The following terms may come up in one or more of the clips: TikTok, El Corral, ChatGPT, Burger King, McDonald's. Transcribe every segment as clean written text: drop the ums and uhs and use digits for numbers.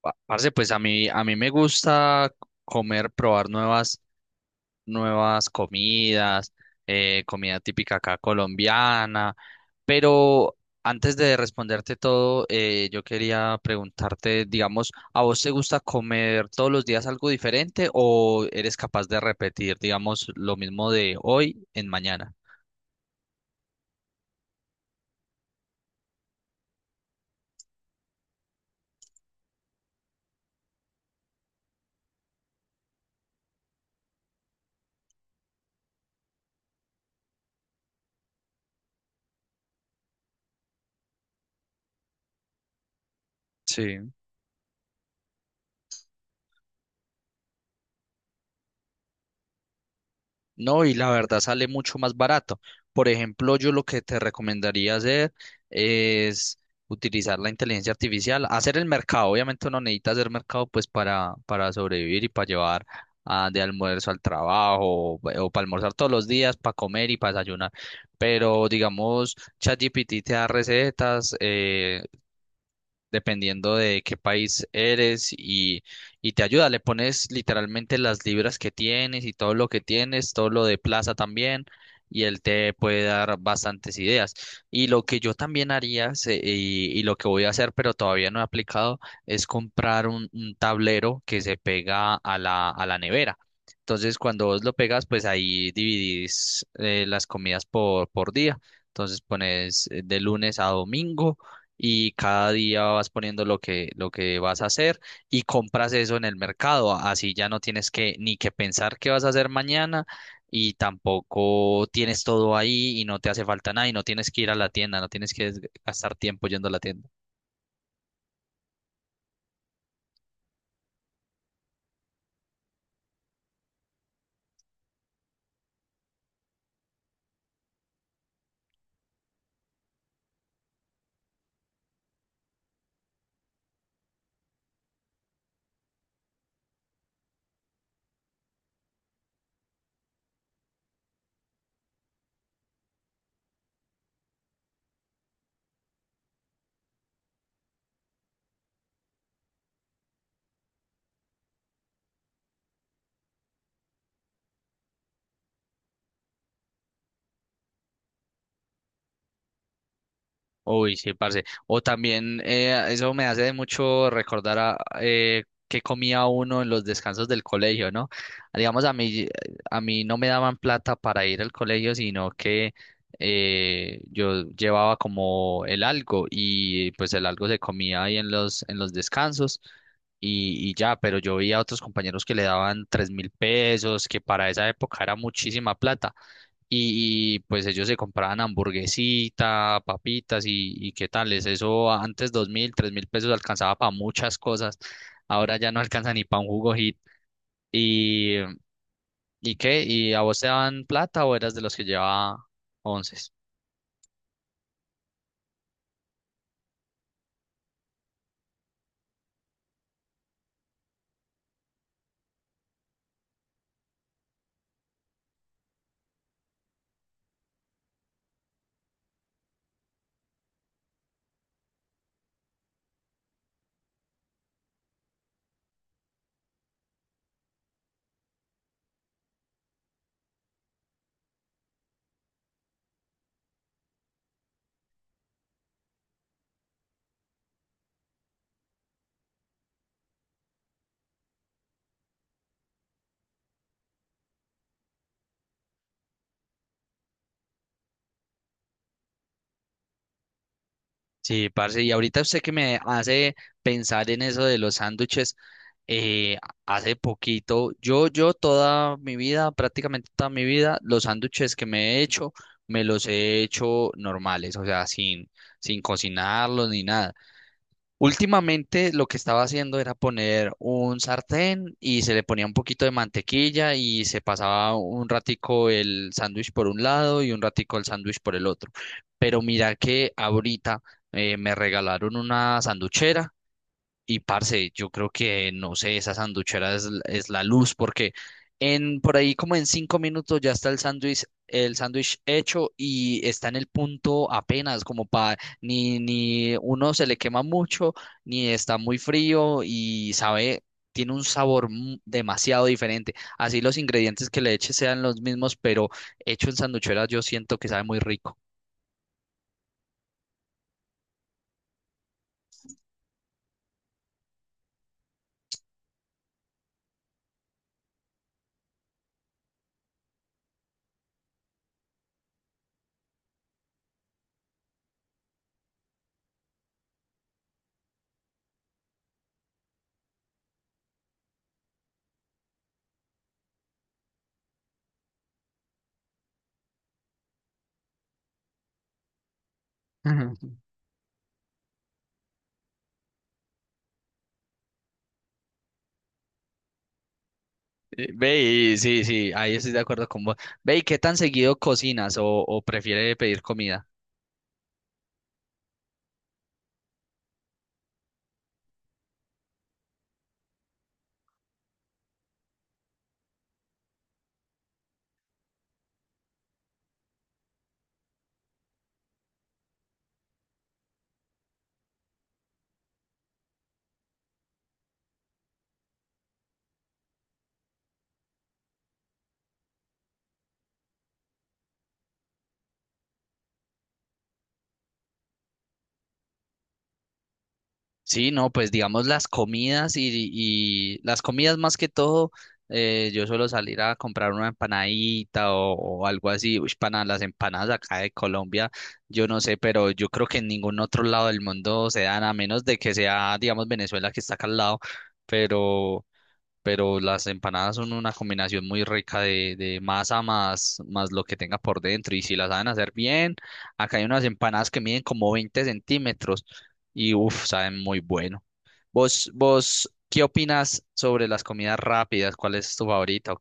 Parce, pues a mí me gusta comer, probar nuevas comidas, comida típica acá colombiana, pero antes de responderte todo, yo quería preguntarte, digamos, ¿a vos te gusta comer todos los días algo diferente o eres capaz de repetir, digamos, lo mismo de hoy en mañana? Sí. No, y la verdad sale mucho más barato. Por ejemplo, yo lo que te recomendaría hacer es utilizar la inteligencia artificial, hacer el mercado. Obviamente uno necesita hacer mercado pues para sobrevivir y para llevar ah, de almuerzo al trabajo o, para almorzar todos los días, para comer y para desayunar. Pero digamos, ChatGPT te da recetas, dependiendo de qué país eres y te ayuda. Le pones literalmente las libras que tienes y todo lo que tienes, todo lo de plaza también, y él te puede dar bastantes ideas. Y lo que yo también haría y lo que voy a hacer, pero todavía no he aplicado, es comprar un tablero que se pega a a la nevera. Entonces, cuando vos lo pegas, pues ahí dividís las comidas por día. Entonces pones de lunes a domingo y cada día vas poniendo lo que vas a hacer y compras eso en el mercado. Así ya no tienes que ni que pensar qué vas a hacer mañana y tampoco tienes todo ahí y no te hace falta nada y no tienes que ir a la tienda, no tienes que gastar tiempo yendo a la tienda. Uy, sí, parce. O también, eso me hace mucho recordar a qué comía uno en los descansos del colegio, ¿no? Digamos, a mí no me daban plata para ir al colegio, sino que yo llevaba como el algo y pues el algo se comía ahí en en los descansos y ya, pero yo veía a otros compañeros que le daban 3000 pesos, que para esa época era muchísima plata y, pues ellos se compraban hamburguesita, papitas y qué tales. Eso antes 2000, 3000 pesos alcanzaba para muchas cosas. Ahora ya no alcanza ni para un jugo hit. ¿Y, y qué? ¿Y a vos te daban plata o eras de los que llevaba once? Sí, parce. Y ahorita usted que me hace pensar en eso de los sándwiches. Eh, hace poquito, yo toda mi vida, prácticamente toda mi vida, los sándwiches que me he hecho, me los he hecho normales, o sea, sin cocinarlos ni nada. Últimamente lo que estaba haciendo era poner un sartén y se le ponía un poquito de mantequilla y se pasaba un ratico el sándwich por un lado y un ratico el sándwich por el otro. Pero mira que ahorita me regalaron una sanduchera y parce, yo creo que, no sé, esa sanduchera es, es la luz, porque en por ahí como en 5 minutos ya está el sándwich hecho y está en el punto apenas, como para ni, ni uno se le quema mucho, ni está muy frío y sabe, tiene un sabor demasiado diferente. Así los ingredientes que le eches sean los mismos, pero hecho en sanduchera yo siento que sabe muy rico. Ve, y sí, sí, ahí estoy de acuerdo con vos. Ve, ¿y qué tan seguido cocinas o prefiere pedir comida? Sí, no, pues digamos las comidas y las comidas más que todo, yo suelo salir a comprar una empanadita o algo así. Uy, pana, las empanadas acá de Colombia, yo no sé, pero yo creo que en ningún otro lado del mundo se dan, a menos de que sea, digamos, Venezuela que está acá al lado. Pero pero las empanadas son una combinación muy rica de masa más, más lo que tenga por dentro. Y si las saben hacer bien, acá hay unas empanadas que miden como 20 centímetros y uff, saben muy bueno. ¿Vos, vos qué opinas sobre las comidas rápidas? ¿Cuál es tu favorita o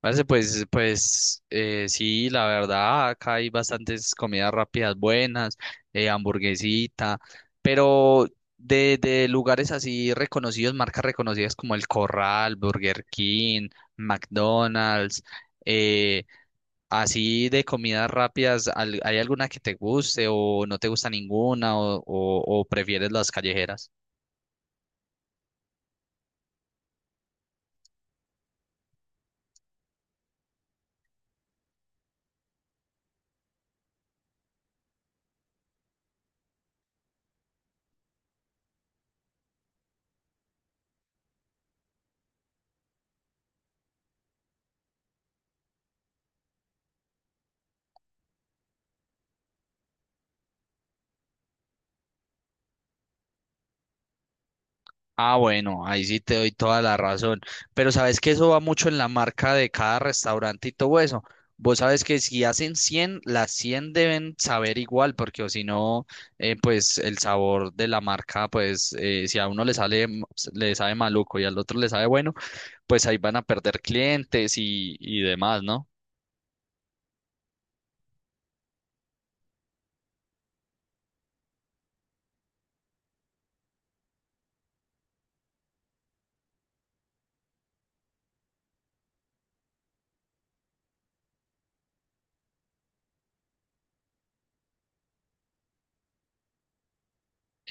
Parece, pues sí, la verdad, acá hay bastantes comidas rápidas buenas, hamburguesita, pero de lugares así reconocidos, marcas reconocidas como El Corral, Burger King, McDonald's, eh, así de comidas rápidas, ¿hay alguna que te guste o no te gusta ninguna o, o prefieres las callejeras? Ah, bueno, ahí sí te doy toda la razón. Pero sabes que eso va mucho en la marca de cada restaurante y todo eso. Vos sabes que si hacen 100, las 100 deben saber igual, porque o si no, pues el sabor de la marca, pues si a uno le sale, le sabe maluco y al otro le sabe bueno, pues ahí van a perder clientes y demás, ¿no?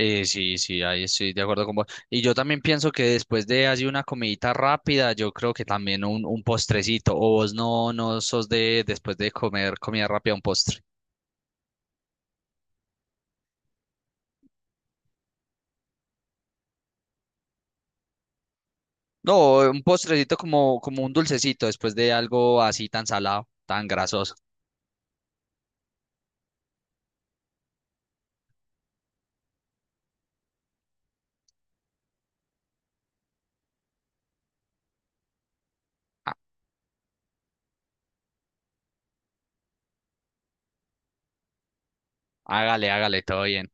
Sí, sí, ahí estoy de acuerdo con vos. Y yo también pienso que después de así una comidita rápida, yo creo que también un postrecito. O vos no, no sos de después de comer comida rápida un postre. No, un postrecito como, como un dulcecito después de algo así tan salado, tan grasoso. Ah, hágale, hágale, todo bien.